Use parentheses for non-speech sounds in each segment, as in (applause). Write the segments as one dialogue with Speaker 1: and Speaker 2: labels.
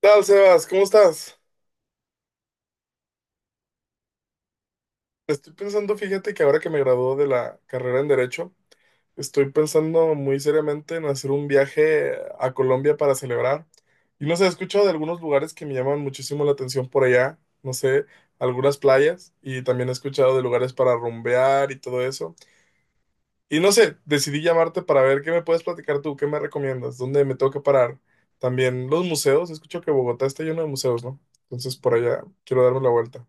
Speaker 1: ¿Qué tal, Sebas? ¿Cómo estás? Estoy pensando, fíjate que ahora que me graduó de la carrera en Derecho, estoy pensando muy seriamente en hacer un viaje a Colombia para celebrar. Y no sé, he escuchado de algunos lugares que me llaman muchísimo la atención por allá, no sé, algunas playas, y también he escuchado de lugares para rumbear y todo eso. Y no sé, decidí llamarte para ver qué me puedes platicar tú, qué me recomiendas, dónde me tengo que parar. También los museos, escucho que Bogotá está lleno de museos, ¿no? Entonces por allá quiero darme la vuelta.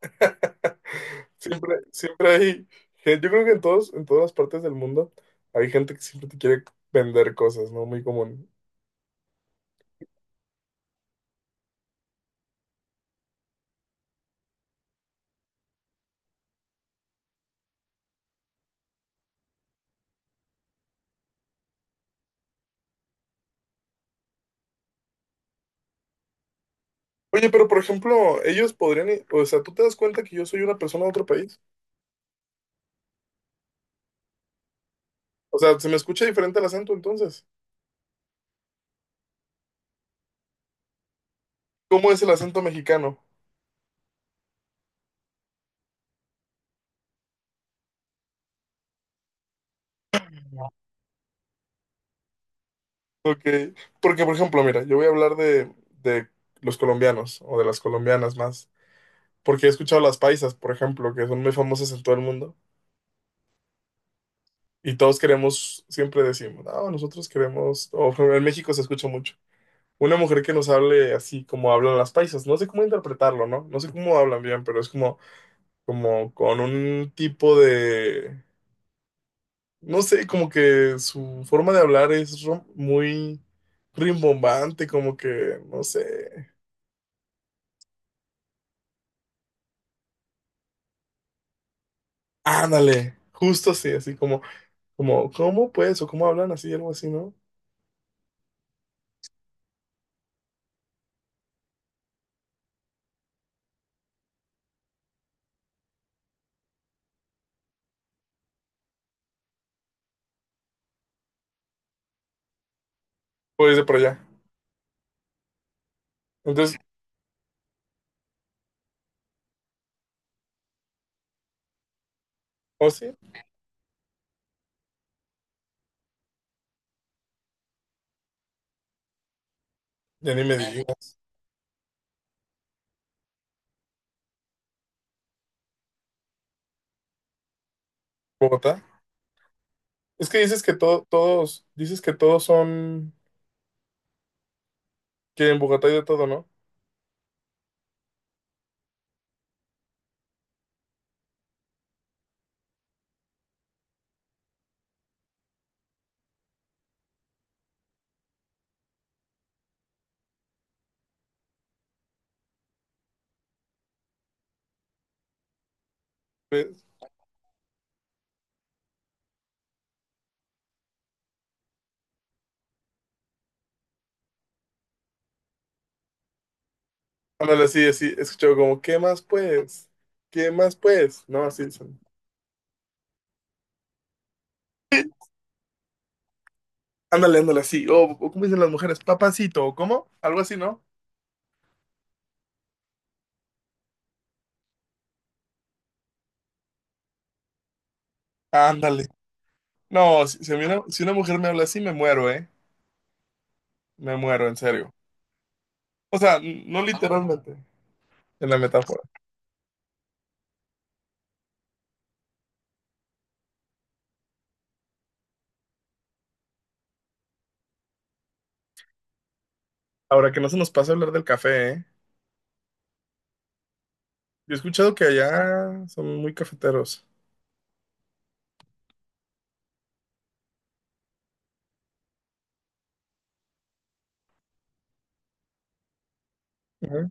Speaker 1: (laughs) Siempre, siempre hay, yo creo que en todos, en todas las partes del mundo hay gente que siempre te quiere vender cosas, ¿no? Muy común. Oye, pero por ejemplo, ellos podrían, o sea, ¿tú te das cuenta que yo soy una persona de otro país? O sea, se me escucha diferente el acento entonces. ¿Cómo es el acento mexicano? Ok, porque por ejemplo, mira, yo voy a hablar de los colombianos o de las colombianas más, porque he escuchado las paisas, por ejemplo, que son muy famosas en todo el mundo. Y todos queremos, siempre decimos, no, nosotros queremos, o (laughs) en México se escucha mucho, una mujer que nos hable así como hablan las paisas. No sé cómo interpretarlo, ¿no? No sé cómo hablan bien, pero es como, como con un tipo de, no sé, como que su forma de hablar es muy rimbombante, como que, no sé, ándale, justo así, así como, como, ¿cómo pues? O cómo hablan así, algo así, ¿no? Pues de por allá. Entonces, ¿o sí? Ya ni me digas, Bogotá. Es que dices que todo, todos, dices que todos son, que en Bogotá hay de todo, ¿no? Pues, ándale, así, así, escucho como, ¿qué más pues? ¿Qué más pues? No, así dicen. Ándale, ándale, así. O ¿cómo dicen las mujeres? ¿Papacito, o cómo? Algo así, ¿no? Ándale. No, si, si a mí una, si una mujer me habla así, me muero, ¿eh? Me muero, en serio. O sea, no literalmente, en la metáfora. Ahora, que no se nos pase hablar del café, ¿eh? Yo he escuchado que allá son muy cafeteros. Ujú.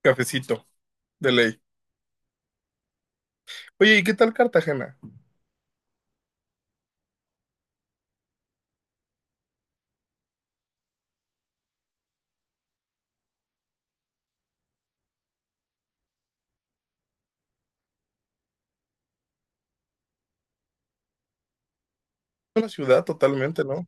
Speaker 1: Cafecito, de ley. Oye, ¿y qué tal Cartagena? La ciudad totalmente, ¿no?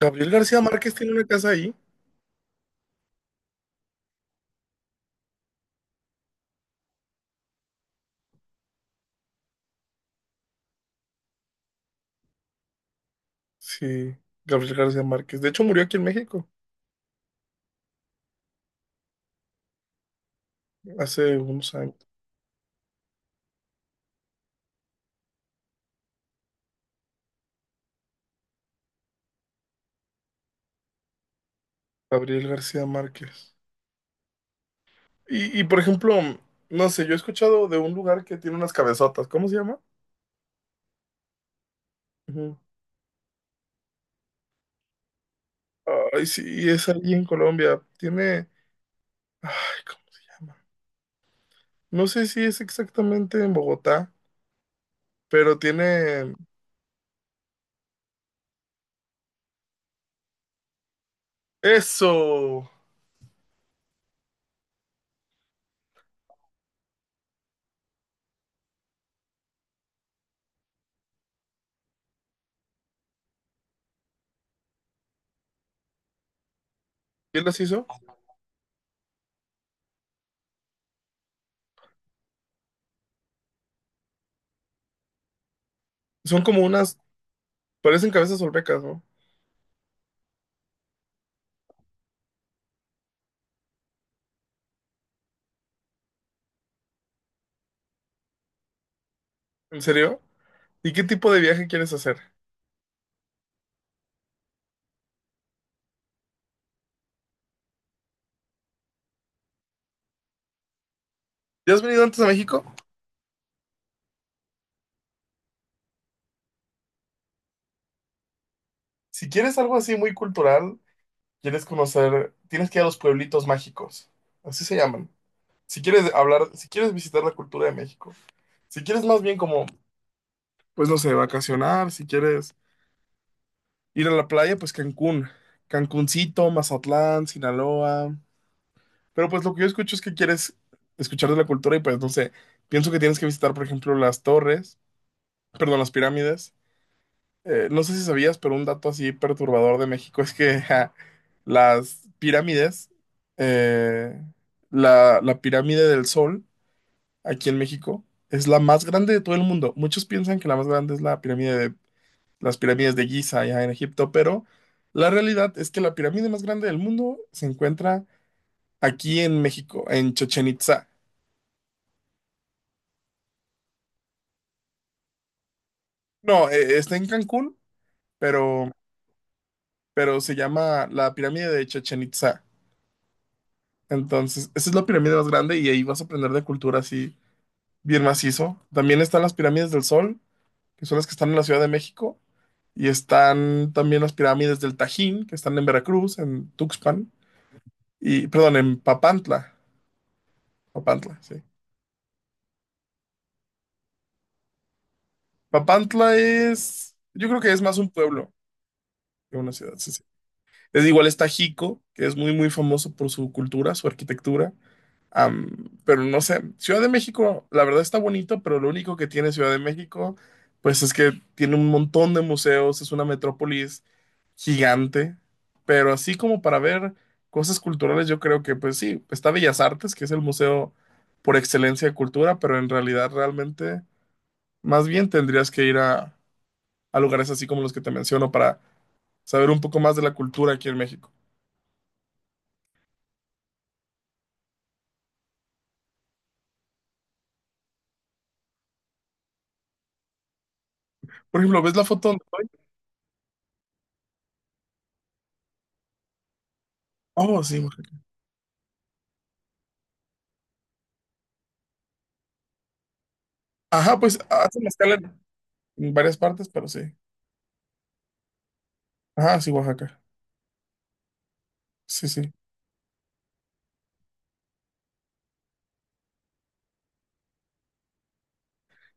Speaker 1: Gabriel García Márquez tiene una casa ahí. Sí, Gabriel García Márquez. De hecho, murió aquí en México hace unos años. Gabriel García Márquez. Por ejemplo, no sé, yo he escuchado de un lugar que tiene unas cabezotas. ¿Cómo se llama? Ujú. Ay, sí, es allí en Colombia. Tiene. Ay, ¿cómo se llama? No sé si es exactamente en Bogotá, pero tiene. ¡Eso! ¿Quién las hizo? Son como unas. Parecen cabezas olmecas, ¿no? ¿En serio? ¿Y qué tipo de viaje quieres hacer? ¿Ya has venido antes a México? Si quieres algo así muy cultural, quieres conocer, tienes que ir a los pueblitos mágicos. Así se llaman. Si quieres hablar, si quieres visitar la cultura de México. Si quieres más bien como, pues no sé, vacacionar, si quieres ir a la playa, pues Cancún. Cancuncito, Mazatlán, Sinaloa. Pero pues lo que yo escucho es que quieres escuchar de la cultura y pues no sé, pienso que tienes que visitar, por ejemplo, las torres, perdón, las pirámides. No sé si sabías, pero un dato así perturbador de México es que (laughs) ja, las pirámides, eh, la pirámide del Sol aquí en México es la más grande de todo el mundo. Muchos piensan que la más grande es la pirámide de las pirámides de Giza allá en Egipto, pero la realidad es que la pirámide más grande del mundo se encuentra aquí en México, en Chichén Itzá. No, está en Cancún, pero, pero se llama la pirámide de Chichén Itzá. Entonces, esa es la pirámide más grande y ahí vas a aprender de cultura así bien macizo. También están las pirámides del Sol, que son las que están en la Ciudad de México, y están también las pirámides del Tajín, que están en Veracruz, en Tuxpan, y perdón, en Papantla. Papantla, sí. Papantla es, yo creo que es más un pueblo que una ciudad, sí, sí. Es igual está Jico, que es muy, muy famoso por su cultura, su arquitectura. Pero no sé, Ciudad de México, la verdad está bonito, pero lo único que tiene Ciudad de México, pues es que tiene un montón de museos, es una metrópolis gigante, pero así como para ver cosas culturales, yo creo que pues sí, está Bellas Artes, que es el museo por excelencia de cultura, pero en realidad realmente más bien tendrías que ir a lugares así como los que te menciono para saber un poco más de la cultura aquí en México. Por ejemplo, ¿ves la foto donde estoy? Oh, sí. Oaxaca. Ajá, pues hacen escala en varias partes, pero sí. Ah, sí, Oaxaca. Sí, sí.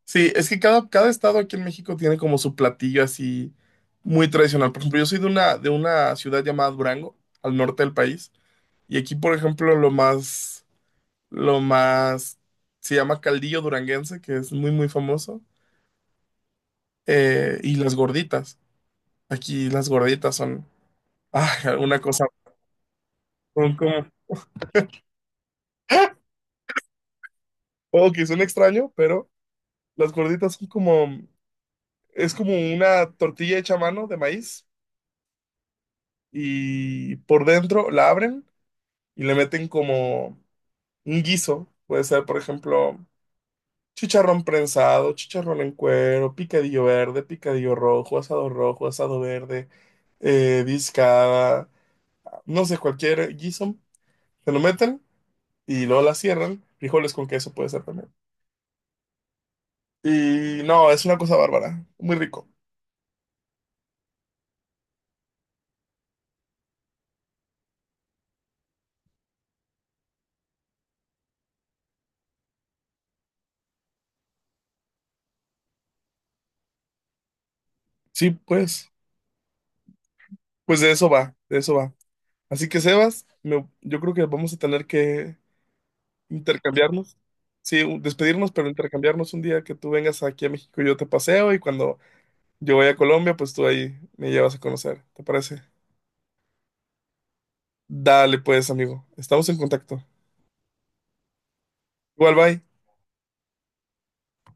Speaker 1: Sí, es que cada estado aquí en México tiene como su platillo así muy tradicional. Por ejemplo, yo soy de una ciudad llamada Durango, al norte del país. Y aquí, por ejemplo, lo más, se llama caldillo duranguense, que es muy, muy famoso. Y las gorditas. Aquí las gorditas son, ah, una cosa, son como, (laughs) ¡ah! Oh, que suena extraño, pero las gorditas son como, es como una tortilla hecha a mano de maíz y por dentro la abren y le meten como un guiso. Puede ser, por ejemplo, chicharrón prensado, chicharrón en cuero, picadillo verde, picadillo rojo, asado verde, discada, no sé, cualquier guiso. Se lo meten y luego la cierran. Frijoles con queso puede ser también. Y no, es una cosa bárbara, muy rico. Sí, pues, pues de eso va, de eso va. Así que Sebas, yo creo que vamos a tener que intercambiarnos. Sí, despedirnos, pero intercambiarnos un día que tú vengas aquí a México y yo te paseo y cuando yo voy a Colombia, pues tú ahí me llevas a conocer. ¿Te parece? Dale pues, amigo. Estamos en contacto. Igual, bye.